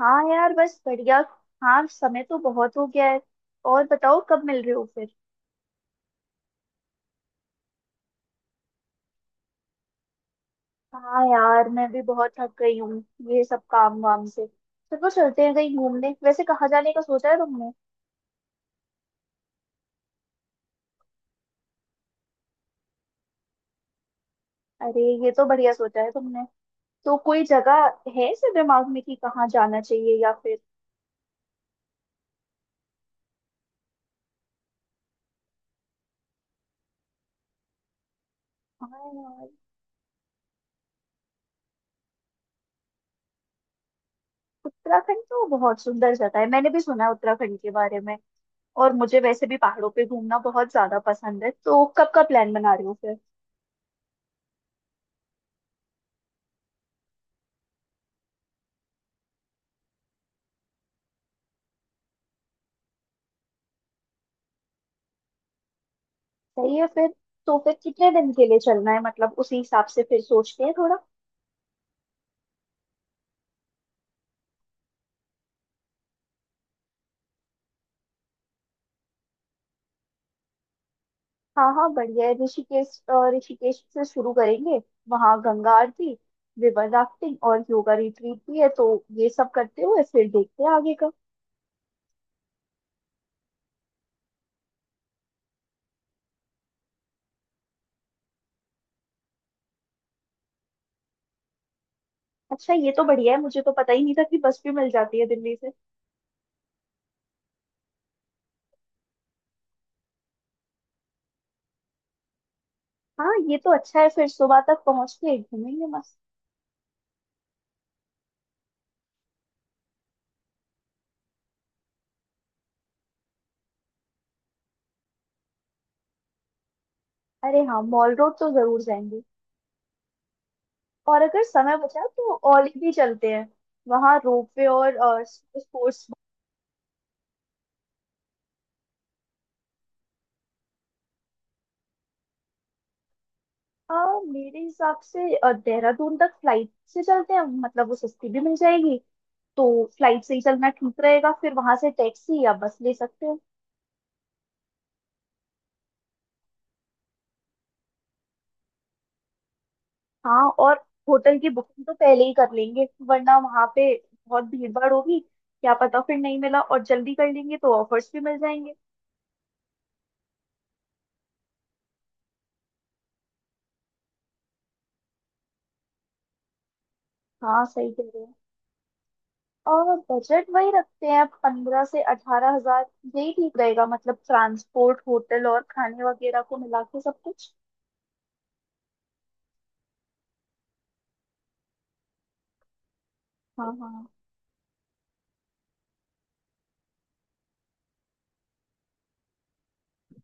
हाँ यार, बस बढ़िया। हाँ, समय तो बहुत हो गया है। और बताओ, कब मिल रहे हो फिर। हाँ यार, मैं भी बहुत थक गई हूँ। ये सब काम वाम से चलो, चलते हैं कहीं घूमने। वैसे कहाँ जाने का सोचा है तुमने। अरे, ये तो बढ़िया सोचा है तुमने। तो कोई जगह है ऐसे दिमाग में कि कहाँ जाना चाहिए, या फिर। हाँ यार। उत्तराखंड तो बहुत सुंदर जगह है, मैंने भी सुना है उत्तराखंड के बारे में। और मुझे वैसे भी पहाड़ों पे घूमना बहुत ज्यादा पसंद है। तो कब का प्लान बना रहे हो फिर। सही है फिर। तो फिर कितने दिन के लिए चलना है, मतलब उसी हिसाब से फिर सोचते हैं थोड़ा। हाँ हाँ, बढ़िया है। ऋषिकेश ऋषिकेश से शुरू करेंगे। वहाँ गंगा आरती, रिवर राफ्टिंग और योगा रिट्रीट भी है, तो ये सब करते हुए फिर देखते हैं आगे का। अच्छा, ये तो बढ़िया है। मुझे तो पता ही नहीं था कि बस भी मिल जाती है दिल्ली से। हाँ, ये तो अच्छा है। फिर सुबह तक पहुँच के घूमेंगे मस्त। अरे हाँ, मॉल रोड तो जरूर जाएंगे। और अगर समय बचा तो औली भी चलते हैं। वहाँ रोपवे और स्पोर्ट्स। आ, मेरे हिसाब से देहरादून तक फ्लाइट से चलते हैं, मतलब वो सस्ती भी मिल जाएगी। तो फ्लाइट से ही चलना ठीक रहेगा, फिर वहां से टैक्सी या बस ले सकते हैं। हाँ। और होटल की बुकिंग तो पहले ही कर लेंगे, वरना वहां पे बहुत भीड़ भाड़ होगी, क्या पता फिर नहीं मिला। और जल्दी कर लेंगे तो ऑफर्स भी मिल जाएंगे। हाँ, सही कह रहे हैं। और बजट वही रखते हैं, 15 से 18 हज़ार। यही ठीक रहेगा, मतलब ट्रांसपोर्ट, होटल और खाने वगैरह को मिला के सब कुछ। हाँ हाँ।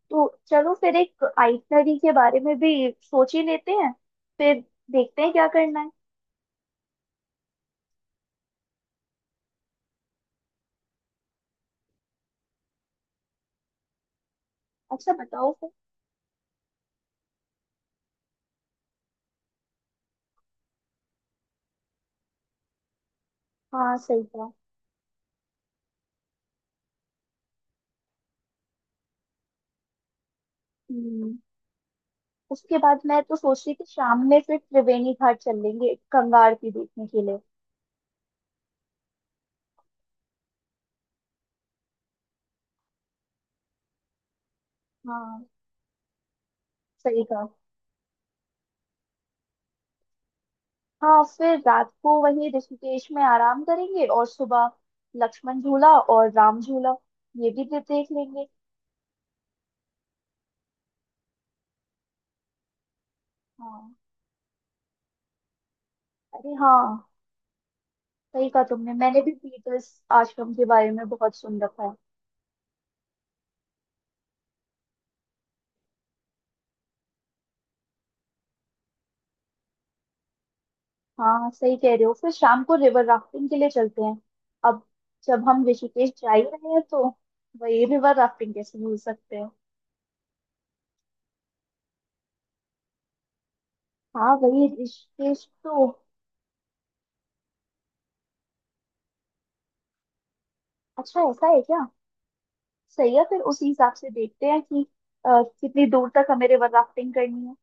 तो चलो, फिर एक आइटनरी के बारे में भी सोच ही लेते हैं। फिर देखते हैं क्या करना है। अच्छा, बताओ फिर। हाँ, सही था। हम्म। उसके बाद मैं तो सोच रही थी, शाम में फिर त्रिवेणी घाट चल लेंगे गंगा आरती देखने के लिए। हाँ, सही कहा। हाँ, फिर रात को वहीं ऋषिकेश में आराम करेंगे, और सुबह लक्ष्मण झूला और राम झूला ये भी देख लेंगे। हाँ। अरे हाँ, सही कहा तुमने। मैंने भी पीटर्स आश्रम के बारे में बहुत सुन रखा है। हाँ, सही कह रहे हो। फिर शाम को रिवर राफ्टिंग के लिए चलते हैं अब। जब हम ऋषिकेश जा ही रहे हैं, तो वही रिवर राफ्टिंग कैसे भूल सकते हैं। हाँ, वही ऋषिकेश तो। अच्छा, ऐसा है क्या। सही है, फिर उसी हिसाब से देखते हैं कि अ, कितनी दूर तक हमें रिवर राफ्टिंग करनी है।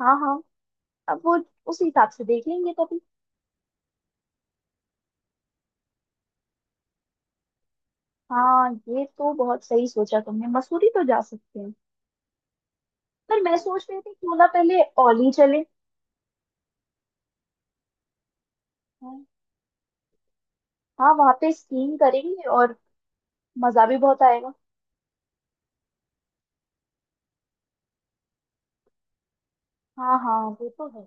हाँ हाँ, अब वो उसी हिसाब से देख लेंगे तभी। हाँ, ये तो बहुत सही सोचा तुमने। मसूरी तो जा सकते हैं। पर मैं सोच रही थी, क्यों ना पहले औली चले। हाँ, वहां पे स्कीइंग करेंगे और मजा भी बहुत आएगा। हाँ हाँ, वो तो है।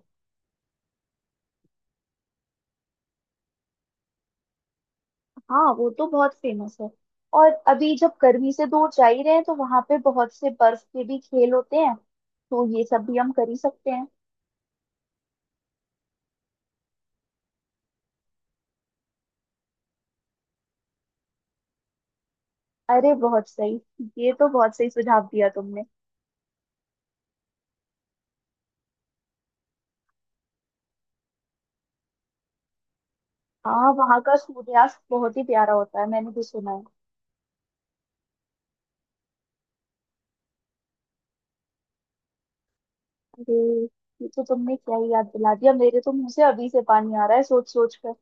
हाँ, वो तो बहुत फेमस है। और अभी जब गर्मी से दूर जा ही रहे हैं, तो वहां पे बहुत से बर्फ के भी खेल होते हैं, तो ये सब भी हम कर ही सकते हैं। अरे, बहुत सही। ये तो बहुत सही सुझाव दिया तुमने। हाँ, वहां का सूर्यास्त बहुत ही प्यारा होता है, मैंने भी सुना है। अरे, ये तो तुमने क्या ही याद दिला दिया। मेरे तो मुंह से अभी से पानी आ रहा है सोच सोच कर।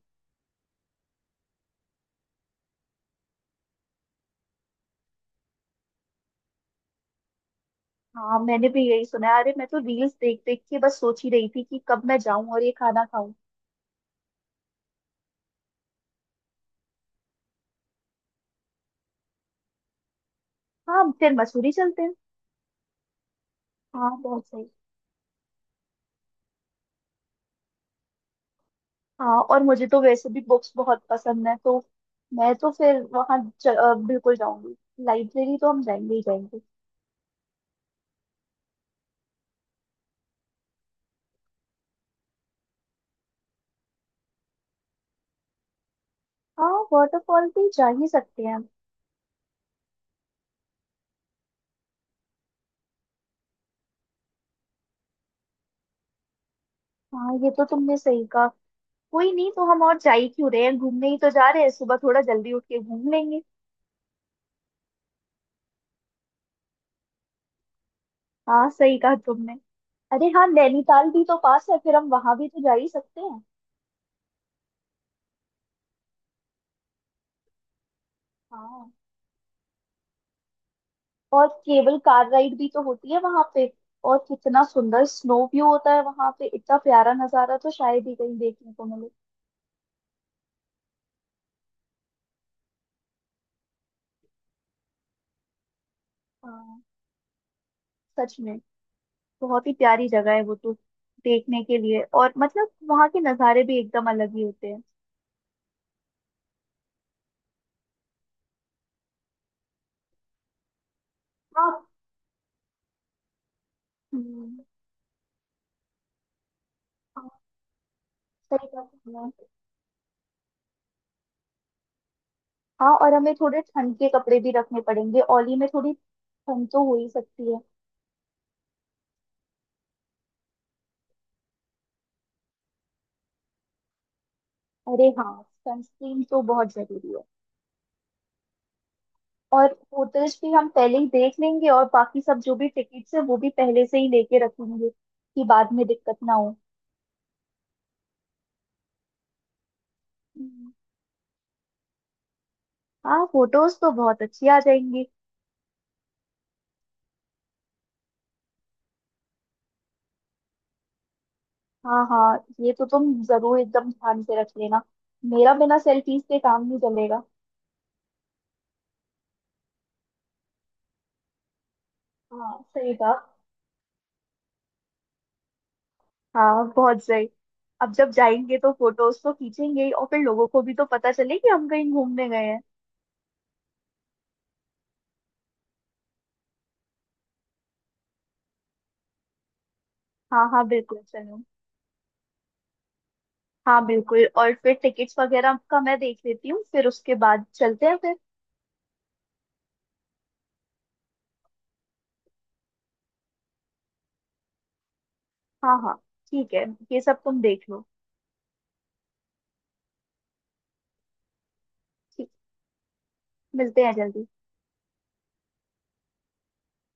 हाँ, मैंने भी यही सुना है। अरे, मैं तो रील्स देख देख के बस सोच ही रही थी कि कब मैं जाऊं और ये खाना खाऊं। हाँ, फिर मसूरी चलते हैं। हाँ, बहुत सही। हाँ, और मुझे तो वैसे भी बुक्स बहुत पसंद है, तो मैं तो फिर वहाँ बिल्कुल जाऊंगी। लाइब्रेरी तो हम जाएंगे ही जाएंगे। हाँ, वाटरफॉल भी जा ही सकते हैं। हाँ, ये तो तुमने सही कहा। कोई नहीं, तो हम और जा ही क्यों रहे हैं, घूमने ही तो जा रहे हैं, सुबह थोड़ा जल्दी उठ के घूम लेंगे। हाँ, सही कहा तुमने। अरे हाँ, नैनीताल भी तो पास है, फिर हम वहां भी तो जा ही सकते हैं। हाँ, और केबल कार राइड भी तो होती है वहां पे। और कितना सुंदर स्नो व्यू होता है वहां पे, इतना प्यारा नजारा तो शायद ही कहीं देखने को मिले। हाँ, सच में बहुत ही प्यारी जगह है वो तो देखने के लिए। और मतलब वहां के नज़ारे भी एकदम अलग ही होते हैं। हाँ। हम्म। हाँ, सही बात है। हाँ हाँ, और हमें थोड़े ठंड के कपड़े भी रखने पड़ेंगे, ओली में थोड़ी ठंड तो हो ही सकती है। अरे हाँ, सनस्क्रीन तो बहुत जरूरी है। और होटल्स भी हम पहले ही देख लेंगे, और बाकी सब जो भी टिकट्स है वो भी पहले से ही लेके रखेंगे, कि बाद में दिक्कत ना हो। हम्म। हाँ, फोटोज तो बहुत अच्छी आ जाएंगी। हाँ हाँ, ये तो तुम जरूर एकदम ध्यान से रख लेना, मेरा बिना सेल्फीज के काम नहीं चलेगा। हाँ, सही कहा। हाँ, बहुत सही। अब जब जाएंगे तो फोटोज तो खींचेंगे ही, और फिर लोगों को भी तो पता चले कि हम कहीं घूमने गए हैं। हाँ हाँ, बिल्कुल चलो। हाँ बिल्कुल, और फिर टिकट्स वगैरह का मैं देख लेती हूँ, फिर उसके बाद चलते हैं फिर। हाँ हाँ, ठीक है, ये सब तुम देख लो। ठीक, मिलते हैं जल्दी।